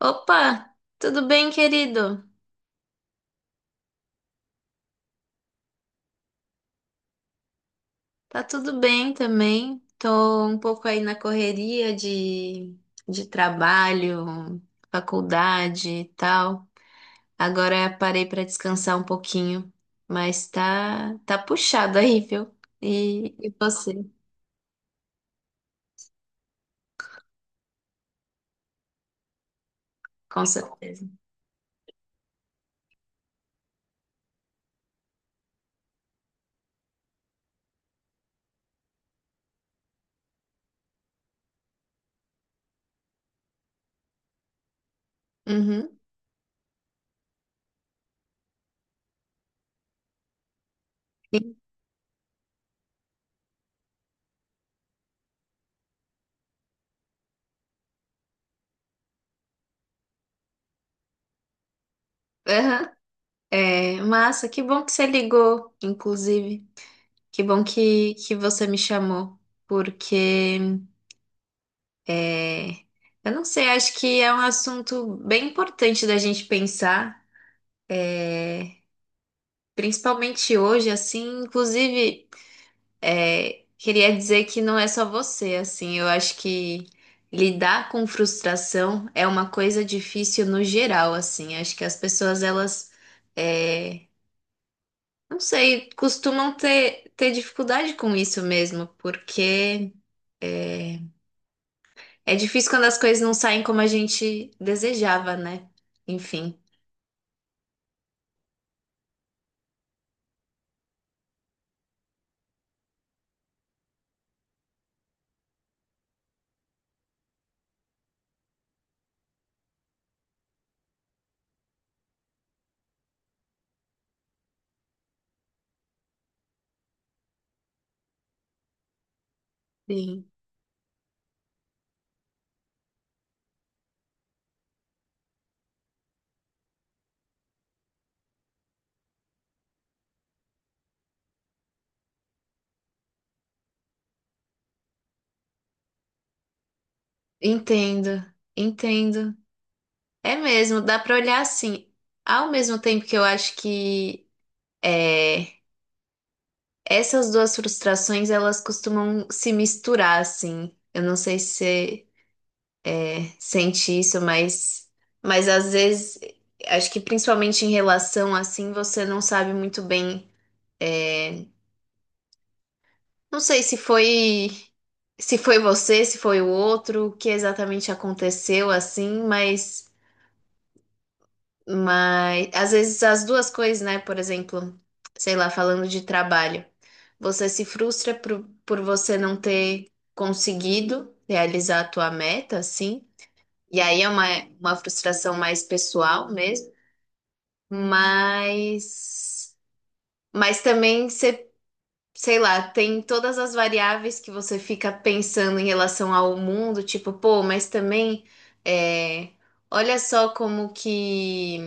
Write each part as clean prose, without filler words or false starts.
Opa, tudo bem, querido? Tá tudo bem também. Tô um pouco aí na correria de trabalho, faculdade e tal. Agora parei pra descansar um pouquinho, mas tá puxado aí, viu? E você, com certeza. Uhum. Aham. É, massa, que bom que você ligou, inclusive. Que bom que você me chamou, porque é, eu não sei, acho que é um assunto bem importante da gente pensar, é, principalmente hoje, assim, inclusive, queria dizer que não é só você, assim, eu acho que lidar com frustração é uma coisa difícil no geral, assim, acho que as pessoas, elas, é, não sei, costumam ter dificuldade com isso mesmo, porque é, é difícil quando as coisas não saem como a gente desejava, né? Enfim, sim, entendo, entendo. É mesmo, dá pra olhar assim. Ao mesmo tempo que eu acho que é, essas duas frustrações, elas costumam se misturar, assim. Eu não sei se você sente isso, mas às vezes, acho que principalmente em relação, assim, você não sabe muito bem. é, Não sei se foi se foi você, se foi o outro, o que exatamente aconteceu assim, mas às vezes as duas coisas, né? Por exemplo, sei lá, falando de trabalho, você se frustra por você não ter conseguido realizar a tua meta, assim, e aí é uma frustração mais pessoal mesmo, mas mas também você sei lá, tem todas as variáveis que você fica pensando em relação ao mundo, tipo, pô, mas também é, olha só como que,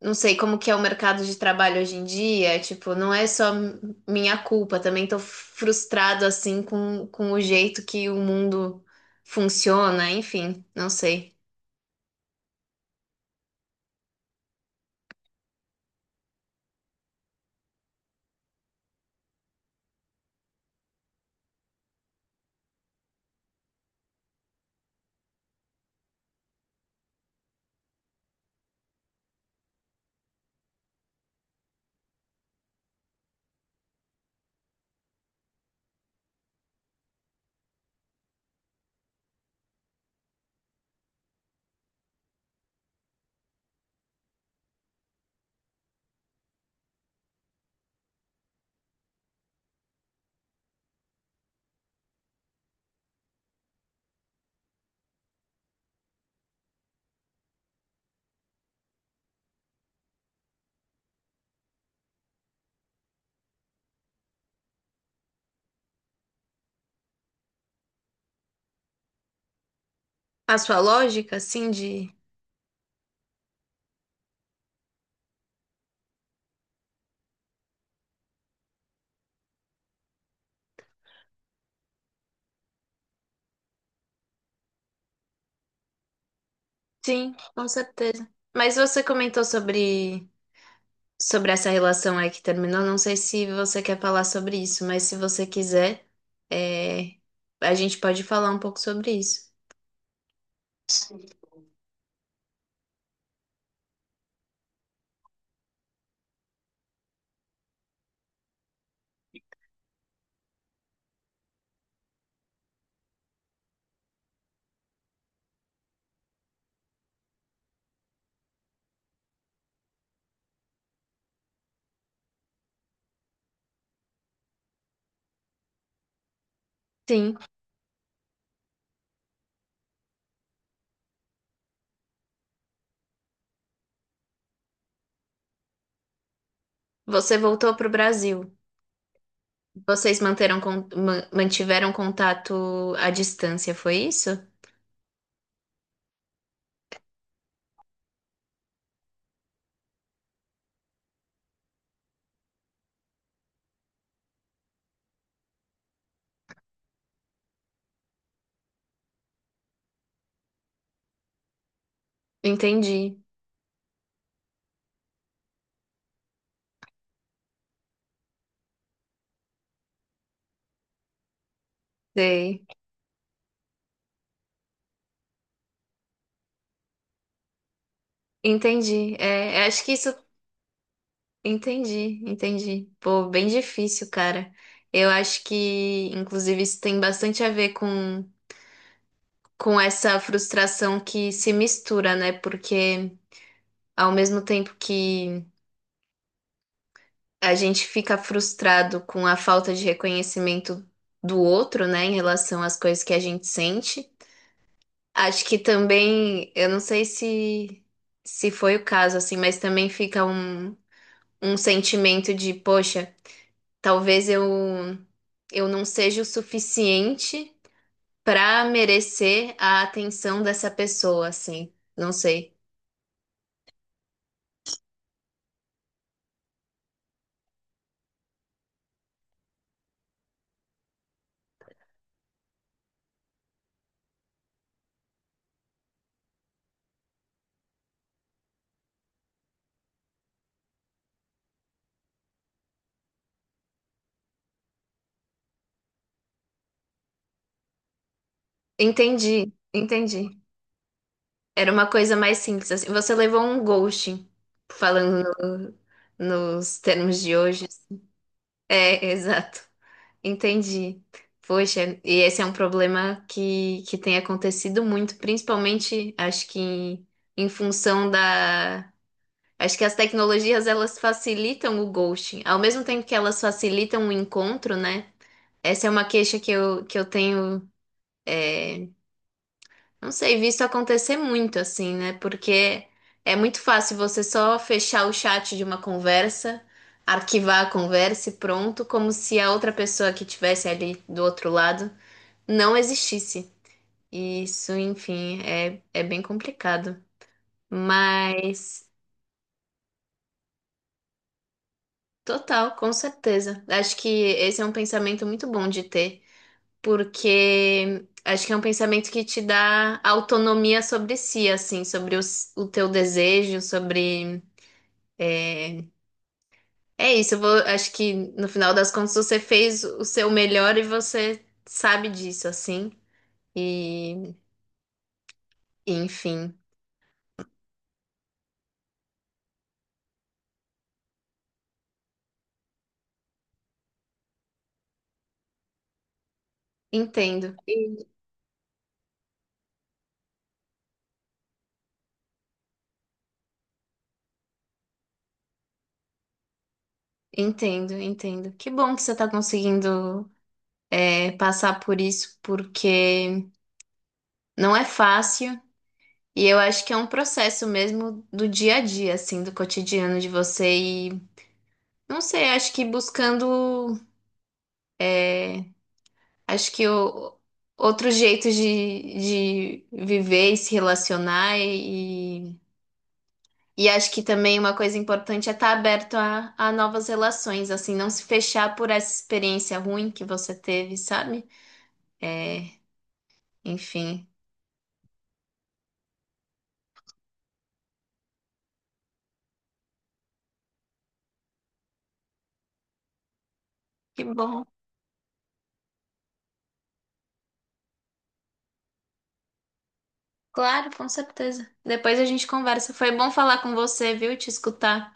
não sei, como que é o mercado de trabalho hoje em dia, tipo, não é só minha culpa, também tô frustrado assim com o jeito que o mundo funciona, enfim, não sei. A sua lógica, assim, de... Sim, com certeza. Mas você comentou sobre sobre essa relação aí que terminou, não sei se você quer falar sobre isso, mas se você quiser, é, a gente pode falar um pouco sobre isso. Sim, você voltou para o Brasil. Vocês manteram, mantiveram contato à distância, foi isso? Entendi, sei. Entendi. É, acho que isso. Entendi, entendi. Pô, bem difícil, cara. Eu acho que, inclusive, isso tem bastante a ver com essa frustração que se mistura, né? Porque ao mesmo tempo que a gente fica frustrado com a falta de reconhecimento do outro, né, em relação às coisas que a gente sente, acho que também, eu não sei se foi o caso assim, mas também fica um, um sentimento de, poxa, talvez eu não seja o suficiente para merecer a atenção dessa pessoa, assim. Não sei. Entendi, entendi. Era uma coisa mais simples, assim. Você levou um ghosting, falando nos termos de hoje. É, exato. Entendi. Poxa, e esse é um problema que tem acontecido muito, principalmente, acho que em, em função da... Acho que as tecnologias, elas facilitam o ghosting. Ao mesmo tempo que elas facilitam o encontro, né? Essa é uma queixa que que eu tenho, é, não sei, vi isso acontecer muito assim, né? Porque é muito fácil você só fechar o chat de uma conversa, arquivar a conversa e pronto, como se a outra pessoa que estivesse ali do outro lado não existisse. E isso, enfim, é, é bem complicado. Mas, total, com certeza. Acho que esse é um pensamento muito bom de ter, porque acho que é um pensamento que te dá autonomia sobre si, assim, sobre o teu desejo, sobre. É isso, eu vou, acho que no final das contas você fez o seu melhor e você sabe disso, assim. E, enfim, entendo, entendo. Que bom que você está conseguindo passar por isso, porque não é fácil. E eu acho que é um processo mesmo do dia a dia, assim, do cotidiano de você. E não sei, acho que buscando é, acho que o, outro jeito de viver e se relacionar e acho que também uma coisa importante é estar aberto a novas relações, assim, não se fechar por essa experiência ruim que você teve, sabe? É, enfim, que bom. Claro, com certeza. Depois a gente conversa. Foi bom falar com você, viu? Te escutar.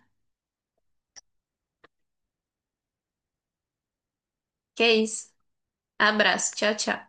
Que é isso. Abraço. Tchau, tchau.